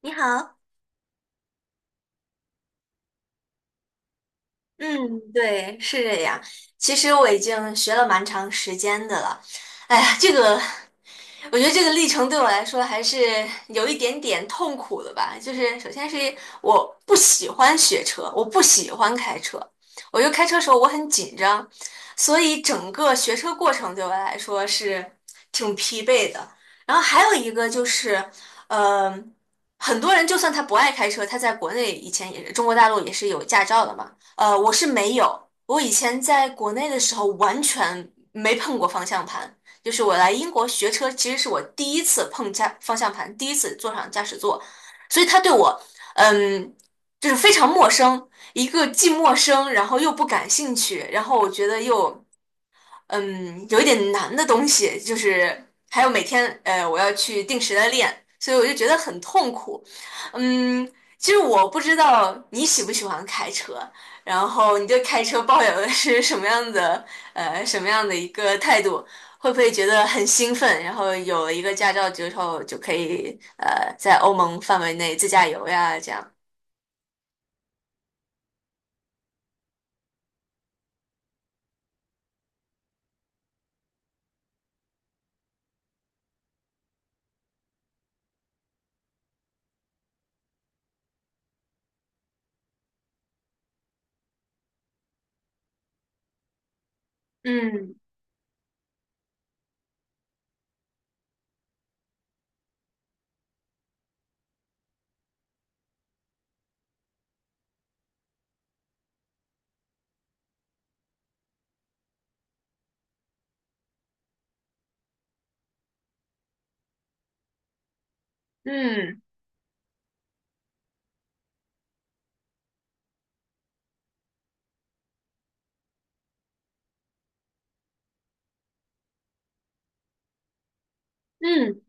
你好，嗯，对，是这样。其实我已经学了蛮长时间的了。哎呀，这个，我觉得这个历程对我来说还是有一点点痛苦的吧。就是首先是我不喜欢学车，我不喜欢开车，我就开车的时候我很紧张，所以整个学车过程对我来说是挺疲惫的。然后还有一个就是，呃，很多人就算他不爱开车，他在国内以前也是中国大陆也是有驾照的嘛。我是没有，我以前在国内的时候完全没碰过方向盘，就是我来英国学车，其实是我第一次碰驾方向盘，第一次坐上驾驶座，所以他对我，嗯，就是非常陌生，一个既陌生，然后又不感兴趣，然后我觉得又，有一点难的东西，就是还有每天，我要去定时的练，所以我就觉得很痛苦。嗯，其实我不知道你喜不喜欢开车，然后你对开车抱有的是什么样的一个态度？会不会觉得很兴奋？然后有了一个驾照之后，就可以在欧盟范围内自驾游呀，这样。嗯嗯嗯，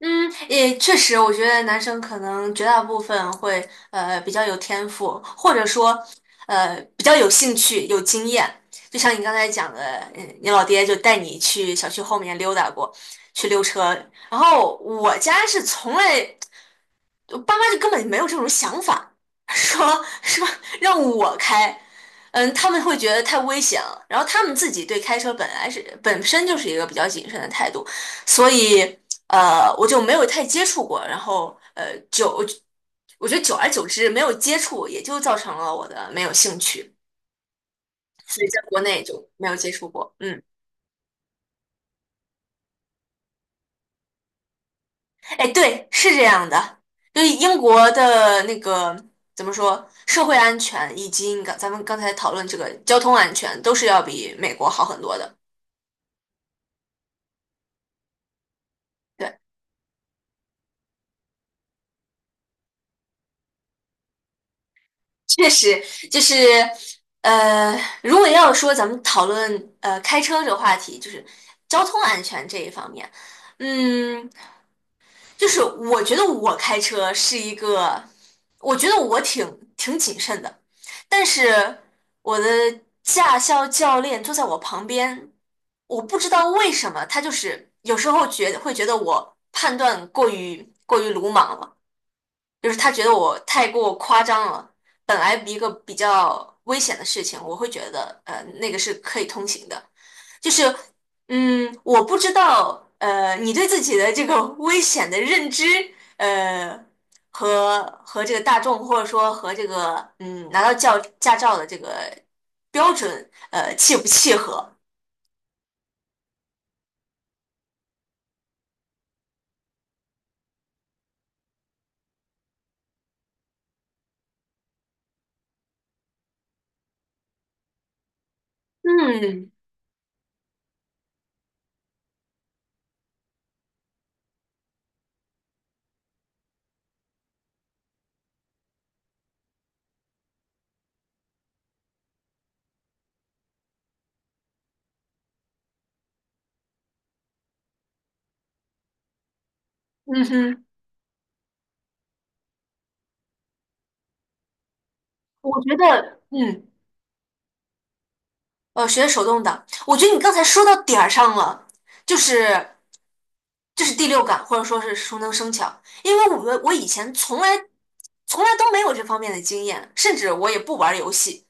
嗯，也确实，我觉得男生可能绝大部分会比较有天赋，或者说比较有兴趣、有经验。就像你刚才讲的，你老爹就带你去小区后面溜达过，去溜车。然后我家是从来我爸妈就根本没有这种想法，说是吧？让我开，他们会觉得太危险了。然后他们自己对开车本身就是一个比较谨慎的态度，所以，我就没有太接触过。然后我觉得久而久之没有接触，也就造成了我的没有兴趣，所以在国内就没有接触过。嗯。哎，对，是这样的，就是英国的那个怎么说，社会安全以及咱们刚才讨论这个交通安全，都是要比美国好很多的。对，确实就是，如果要说咱们讨论开车这个话题，就是交通安全这一方面，嗯。就是我觉得我开车是一个，我觉得我挺谨慎的，但是我的驾校教练坐在我旁边，我不知道为什么他就是有时候觉得会觉得我判断过于鲁莽了，就是他觉得我太过夸张了。本来一个比较危险的事情，我会觉得那个是可以通行的，就是，我不知道，你对自己的这个危险的认知，呃，和这个大众，或者说和这个，拿到教驾照的这个标准，契不契合？嗯嗯哼，我觉得，学手动挡，我觉得你刚才说到点儿上了，就是就是第六感，或者说是熟能生巧，因为我以前从来都没有这方面的经验，甚至我也不玩儿游戏。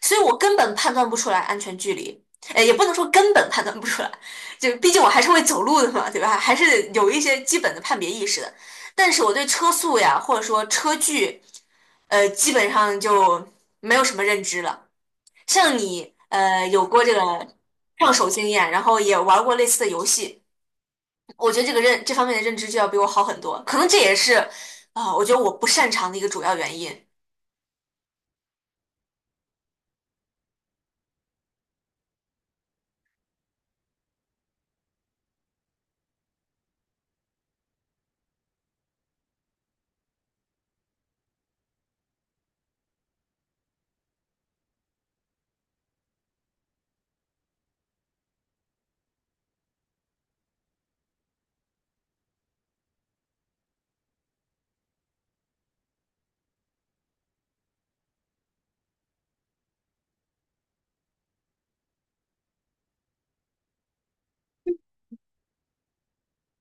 所以我根本判断不出来安全距离，也不能说根本判断不出来，就毕竟我还是会走路的嘛，对吧？还是有一些基本的判别意识的。但是我对车速呀，或者说车距，基本上就没有什么认知了。像你，有过这个上手经验，然后也玩过类似的游戏，我觉得这个认这方面的认知就要比我好很多。可能这也是啊，我觉得我不擅长的一个主要原因。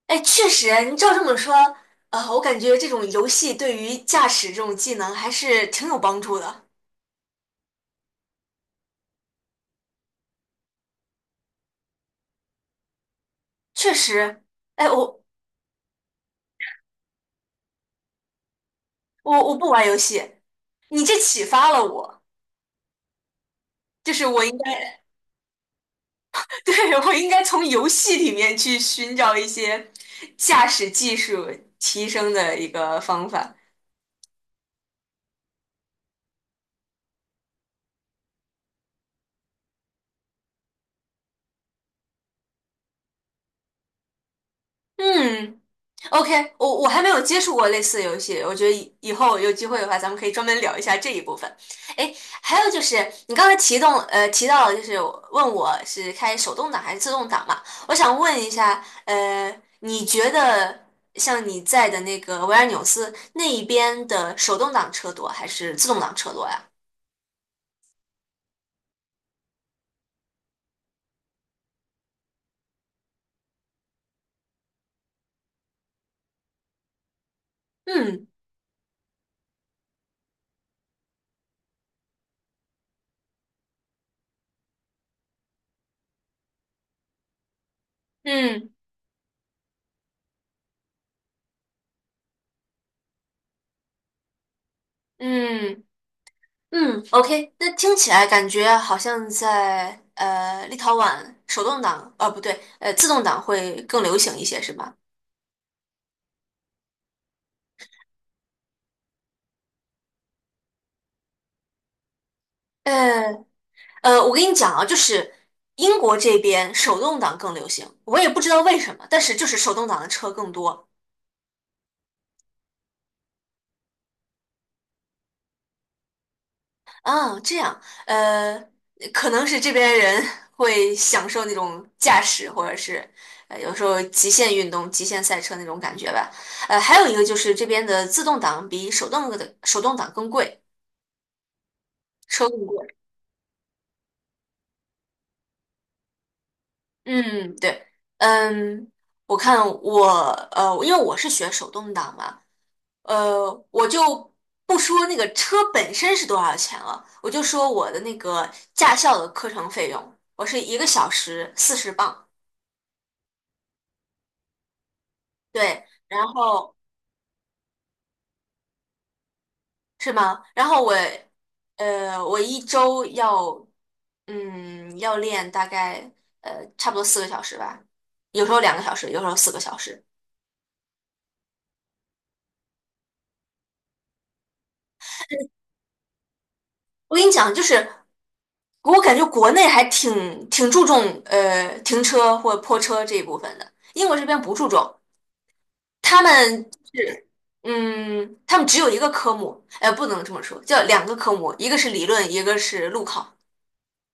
哎，确实，你照这么说，我感觉这种游戏对于驾驶这种技能还是挺有帮助的。确实，哎，我不玩游戏，你这启发了我，就是我应该，对，我应该从游戏里面去寻找一些驾驶技术提升的一个方法。嗯，OK，我还没有接触过类似的游戏，我觉得以后有机会的话，咱们可以专门聊一下这一部分。哎，还有就是你刚才提到了，就是问我是开手动挡还是自动挡嘛？我想问一下，你觉得像你在的那个维尔纽斯那一边的手动挡车多还是自动挡车多呀？嗯嗯嗯。嗯，OK，那听起来感觉好像在立陶宛手动挡，不对，自动挡会更流行一些，是吧？呃我跟你讲啊，就是英国这边手动挡更流行，我也不知道为什么，但是就是手动挡的车更多。啊，这样，呃，可能是这边人 会享受那种驾驶，或者是有时候极限运动、极限赛车那种感觉吧。还有一个就是这边的自动挡比手动挡更贵。车录贵，嗯，对，嗯，我看我呃，因为我是学手动挡嘛，我就不说那个车本身是多少钱了，我就说我的那个驾校的课程费用，我是一个小时40磅，对，然后是吗？我一周要要练大概差不多四个小时吧，有时候2个小时，有时候四个小时。我跟你讲，就是我感觉国内还挺注重停车或泊车这一部分的，英国这边不注重，他们是他们只有一个科目，不能这么说，叫两个科目，一个是理论，一个是路考。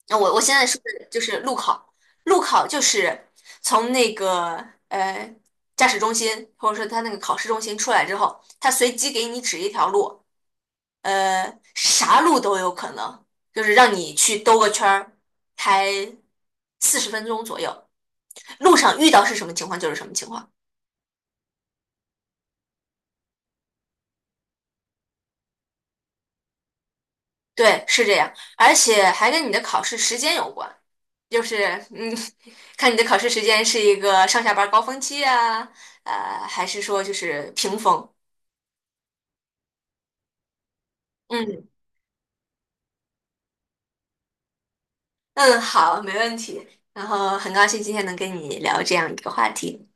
那我现在说的就是路考，路考就是从那个呃驾驶中心或者说他那个考试中心出来之后，他随机给你指一条路，啥路都有可能，就是让你去兜个圈儿，开40分钟左右，路上遇到是什么情况就是什么情况。对，是这样，而且还跟你的考试时间有关，就是嗯，看你的考试时间是一个上下班高峰期啊，还是说就是平峰？嗯嗯，好，没问题。然后很高兴今天能跟你聊这样一个话题。